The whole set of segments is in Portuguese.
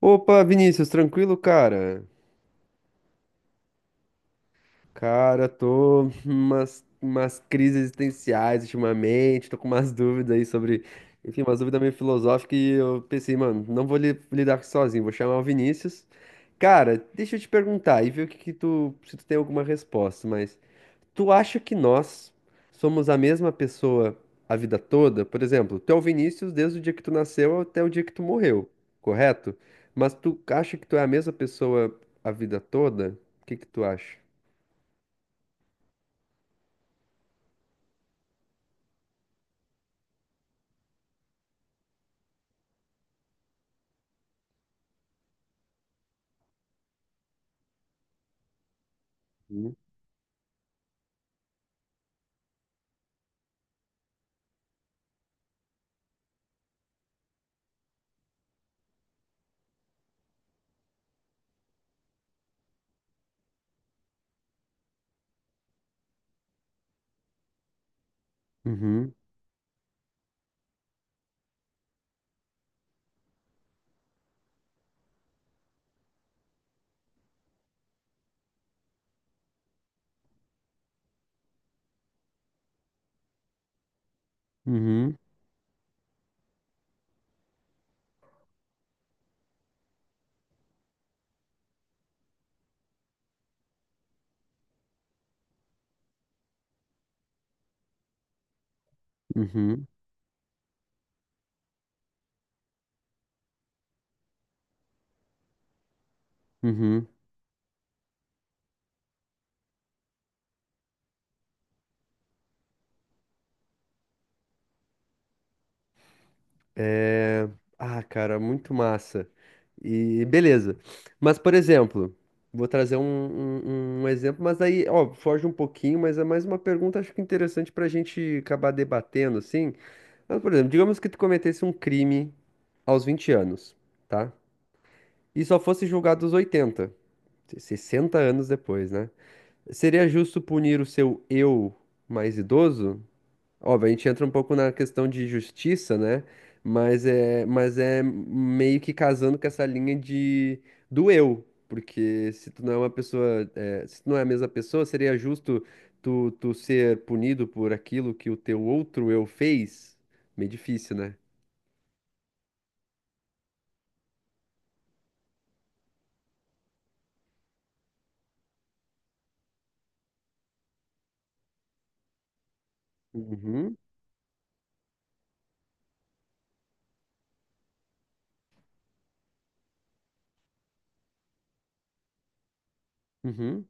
Opa, Vinícius, tranquilo, cara? Cara, tô umas crises existenciais ultimamente, tô com umas dúvidas aí sobre, enfim, umas dúvidas meio filosóficas e eu pensei, mano, não vou lidar com isso sozinho, vou chamar o Vinícius. Cara, deixa eu te perguntar e ver o que que tu, se tu tem alguma resposta, mas tu acha que nós somos a mesma pessoa a vida toda? Por exemplo, tu é o Vinícius desde o dia que tu nasceu até o dia que tu morreu, correto? Mas tu acha que tu é a mesma pessoa a vida toda? O que que tu acha? Hum? Uhum, uhum, uhum, uhum. É... Ah, cara, muito massa. E beleza. Mas, por exemplo, vou trazer um exemplo, mas aí, ó, foge um pouquinho, mas é mais uma pergunta, acho que interessante pra gente acabar debatendo, assim. Mas, por exemplo, digamos que tu cometesse um crime aos 20 anos, tá? E só fosse julgado aos 80 60 anos depois, né? Seria justo punir o seu eu mais idoso? Óbvio, a gente entra um pouco na questão de justiça, né? Mas é meio que casando com essa linha de do eu, porque se tu não é uma pessoa, é, se tu não é a mesma pessoa, seria justo tu ser punido por aquilo que o teu outro eu fez? Meio difícil, né? Uhum, uhum,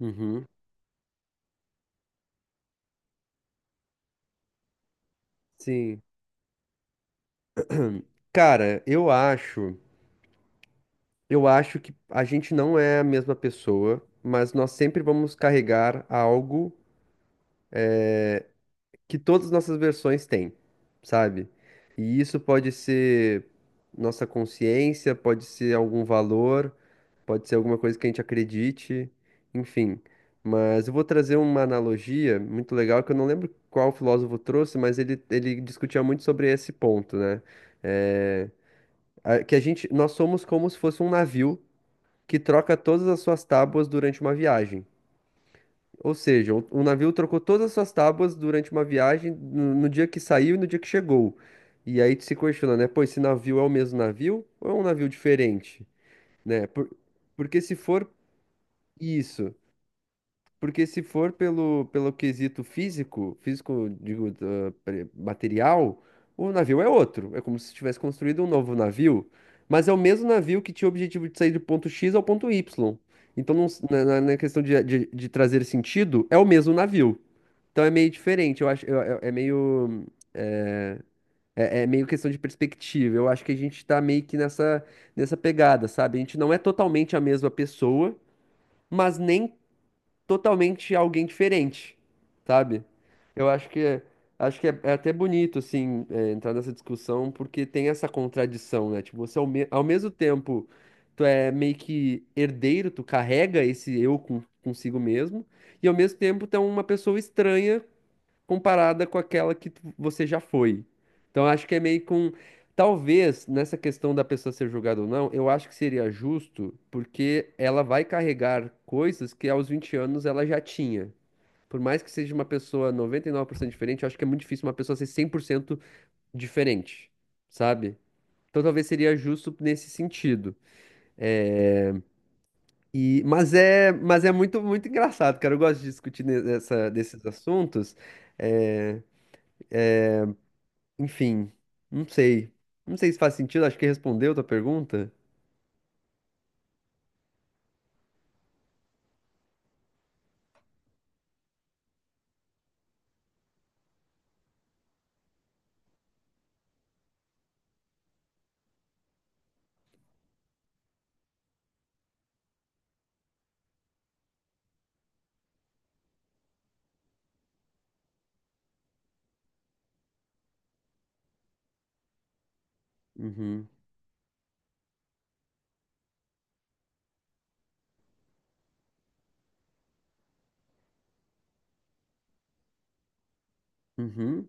uhum. Sim. Cara, eu acho que a gente não é a mesma pessoa, mas nós sempre vamos carregar algo que todas as nossas versões têm, sabe? E isso pode ser nossa consciência, pode ser algum valor, pode ser alguma coisa que a gente acredite, enfim. Mas eu vou trazer uma analogia muito legal que eu não lembro qual filósofo trouxe, mas ele discutia muito sobre esse ponto, né? Eh, Que a gente, nós somos como se fosse um navio que troca todas as suas tábuas durante uma viagem. Ou seja, o navio trocou todas as suas tábuas durante uma viagem no dia que saiu e no dia que chegou. E aí tu se questiona, né? Pô, esse navio é o mesmo navio ou é um navio diferente, né? Porque se for isso, porque se for pelo quesito físico, físico, digo, material, o navio é outro. É como se tivesse construído um novo navio, mas é o mesmo navio que tinha o objetivo de sair do ponto X ao ponto Y. Então, não s- na, na- na questão de trazer sentido, é o mesmo navio. Então, é meio diferente. Eu acho, eu- é meio, é, é meio questão de perspectiva. Eu acho que a gente tá meio que nessa, nessa pegada, sabe? A gente não é totalmente a mesma pessoa, mas nem totalmente alguém diferente, sabe? Eu acho que é, é até bonito assim é, entrar nessa discussão porque tem essa contradição, né? Tipo, ao mesmo tempo tu é meio que herdeiro, tu carrega esse eu consigo mesmo e ao mesmo tempo tu é uma pessoa estranha comparada com aquela que você já foi. Então, eu acho que é meio com. Talvez nessa questão da pessoa ser julgada ou não, eu acho que seria justo, porque ela vai carregar coisas que aos 20 anos ela já tinha. Por mais que seja uma pessoa 99% diferente, eu acho que é muito difícil uma pessoa ser 100% diferente, sabe? Então talvez seria justo nesse sentido. E, mas é muito engraçado, cara. Eu gosto de discutir desses assuntos. É, enfim, não sei. Não sei se faz sentido, acho que respondeu a tua pergunta. Uhum, uhum,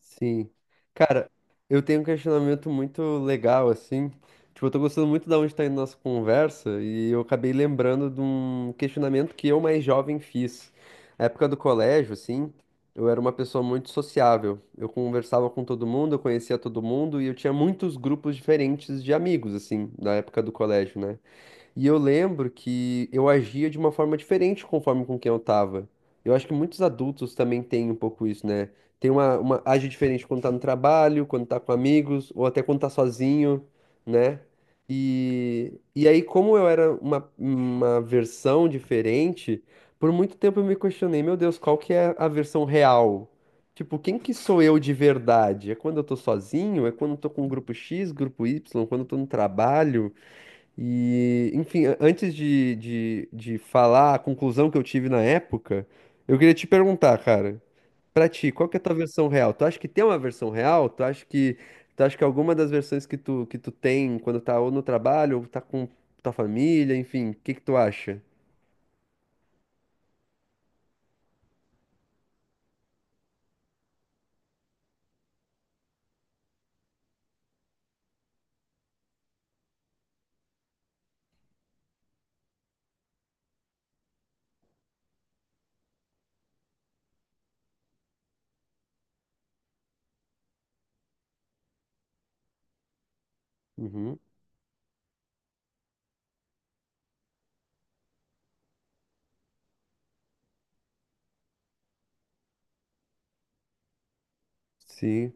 sim. Cara, eu tenho um questionamento muito legal, assim. Tipo, eu tô gostando muito da onde tá indo nossa conversa e eu acabei lembrando de um questionamento que eu mais jovem fiz. Na época do colégio, assim, eu era uma pessoa muito sociável. Eu conversava com todo mundo, eu conhecia todo mundo e eu tinha muitos grupos diferentes de amigos, assim, na época do colégio, né? E eu lembro que eu agia de uma forma diferente conforme com quem eu tava. Eu acho que muitos adultos também têm um pouco isso, né? Tem uma age diferente quando tá no trabalho, quando tá com amigos, ou até quando tá sozinho, né? E aí, como eu era uma versão diferente, por muito tempo eu me questionei, meu Deus, qual que é a versão real? Tipo, quem que sou eu de verdade? É quando eu tô sozinho? É quando eu tô com o grupo X, grupo Y? Quando eu tô no trabalho? E, enfim, antes de falar a conclusão que eu tive na época, eu queria te perguntar, cara, pra ti, qual que é a tua versão real? Tu acha que tem uma versão real? Tu acha que alguma das versões que tu tem quando tá ou no trabalho, ou tá com tua família, enfim, o que que tu acha? Uhum, sim.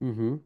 Uhum.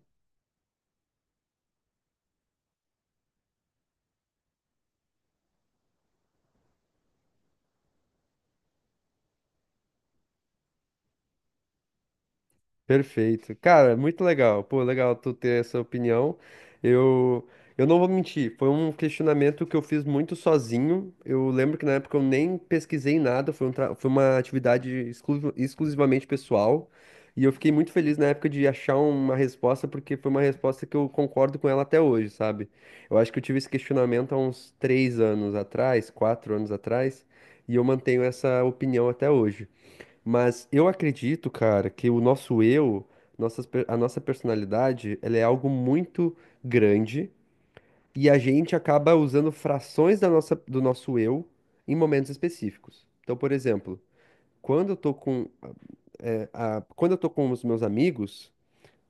Perfeito. Cara, muito legal. Pô, legal tu ter essa opinião. Eu, eu não vou mentir, foi um questionamento que eu fiz muito sozinho. Eu lembro que na época eu nem pesquisei nada, foi, foi uma atividade exclusivamente pessoal. E eu fiquei muito feliz na época de achar uma resposta, porque foi uma resposta que eu concordo com ela até hoje, sabe? Eu acho que eu tive esse questionamento há uns 3 anos atrás, 4 anos atrás, e eu mantenho essa opinião até hoje. Mas eu acredito, cara, que o nosso eu, a nossa personalidade, ela é algo muito grande e a gente acaba usando frações da nossa, do nosso eu em momentos específicos. Então, por exemplo, quando eu tô com, quando eu tô com os meus amigos,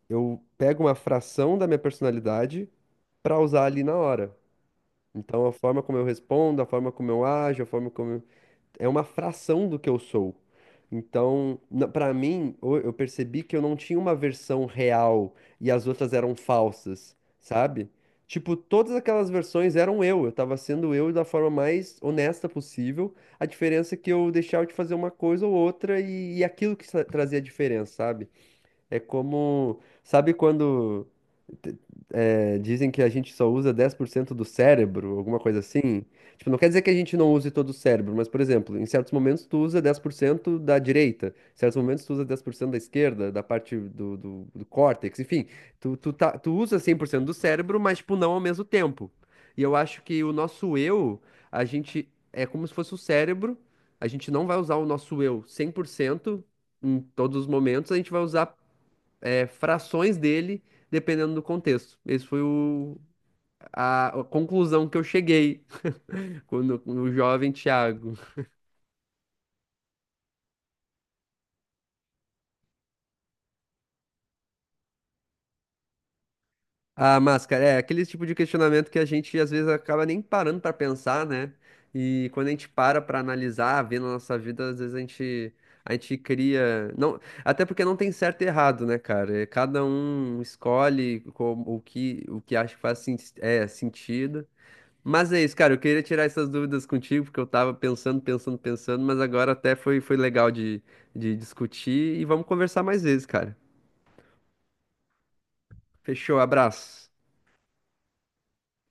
eu pego uma fração da minha personalidade pra usar ali na hora. Então, a forma como eu respondo, a forma como eu ajo, a forma como eu é uma fração do que eu sou. Então, pra mim, eu percebi que eu não tinha uma versão real e as outras eram falsas, sabe? Tipo, todas aquelas versões eram eu tava sendo eu da forma mais honesta possível. A diferença é que eu deixava de fazer uma coisa ou outra e aquilo que trazia a diferença, sabe? É como, sabe quando te- é, dizem que a gente só usa 10% do cérebro, alguma coisa assim. Tipo, não quer dizer que a gente não use todo o cérebro, mas, por exemplo, em certos momentos tu usa 10% da direita, em certos momentos tu usa 10% da esquerda, da parte do córtex, enfim. Tu usa 100% do cérebro, mas, tipo, não ao mesmo tempo. E eu acho que o nosso eu, a gente é como se fosse o cérebro, a gente não vai usar o nosso eu 100% em todos os momentos, a gente vai usar é, frações dele, dependendo do contexto. Esse foi o, a conclusão que eu cheguei quando o jovem Thiago. A máscara, é aquele tipo de questionamento que a gente às vezes acaba nem parando para pensar, né? E quando a gente para para analisar, ver na nossa vida, às vezes a gente cria, não, até porque não tem certo e errado, né, cara? É, cada um escolhe como, o que acha que faz é, sentido. Mas é isso, cara. Eu queria tirar essas dúvidas contigo, porque eu tava pensando, pensando, pensando, mas agora até foi, foi legal de discutir e vamos conversar mais vezes, cara. Fechou, abraço.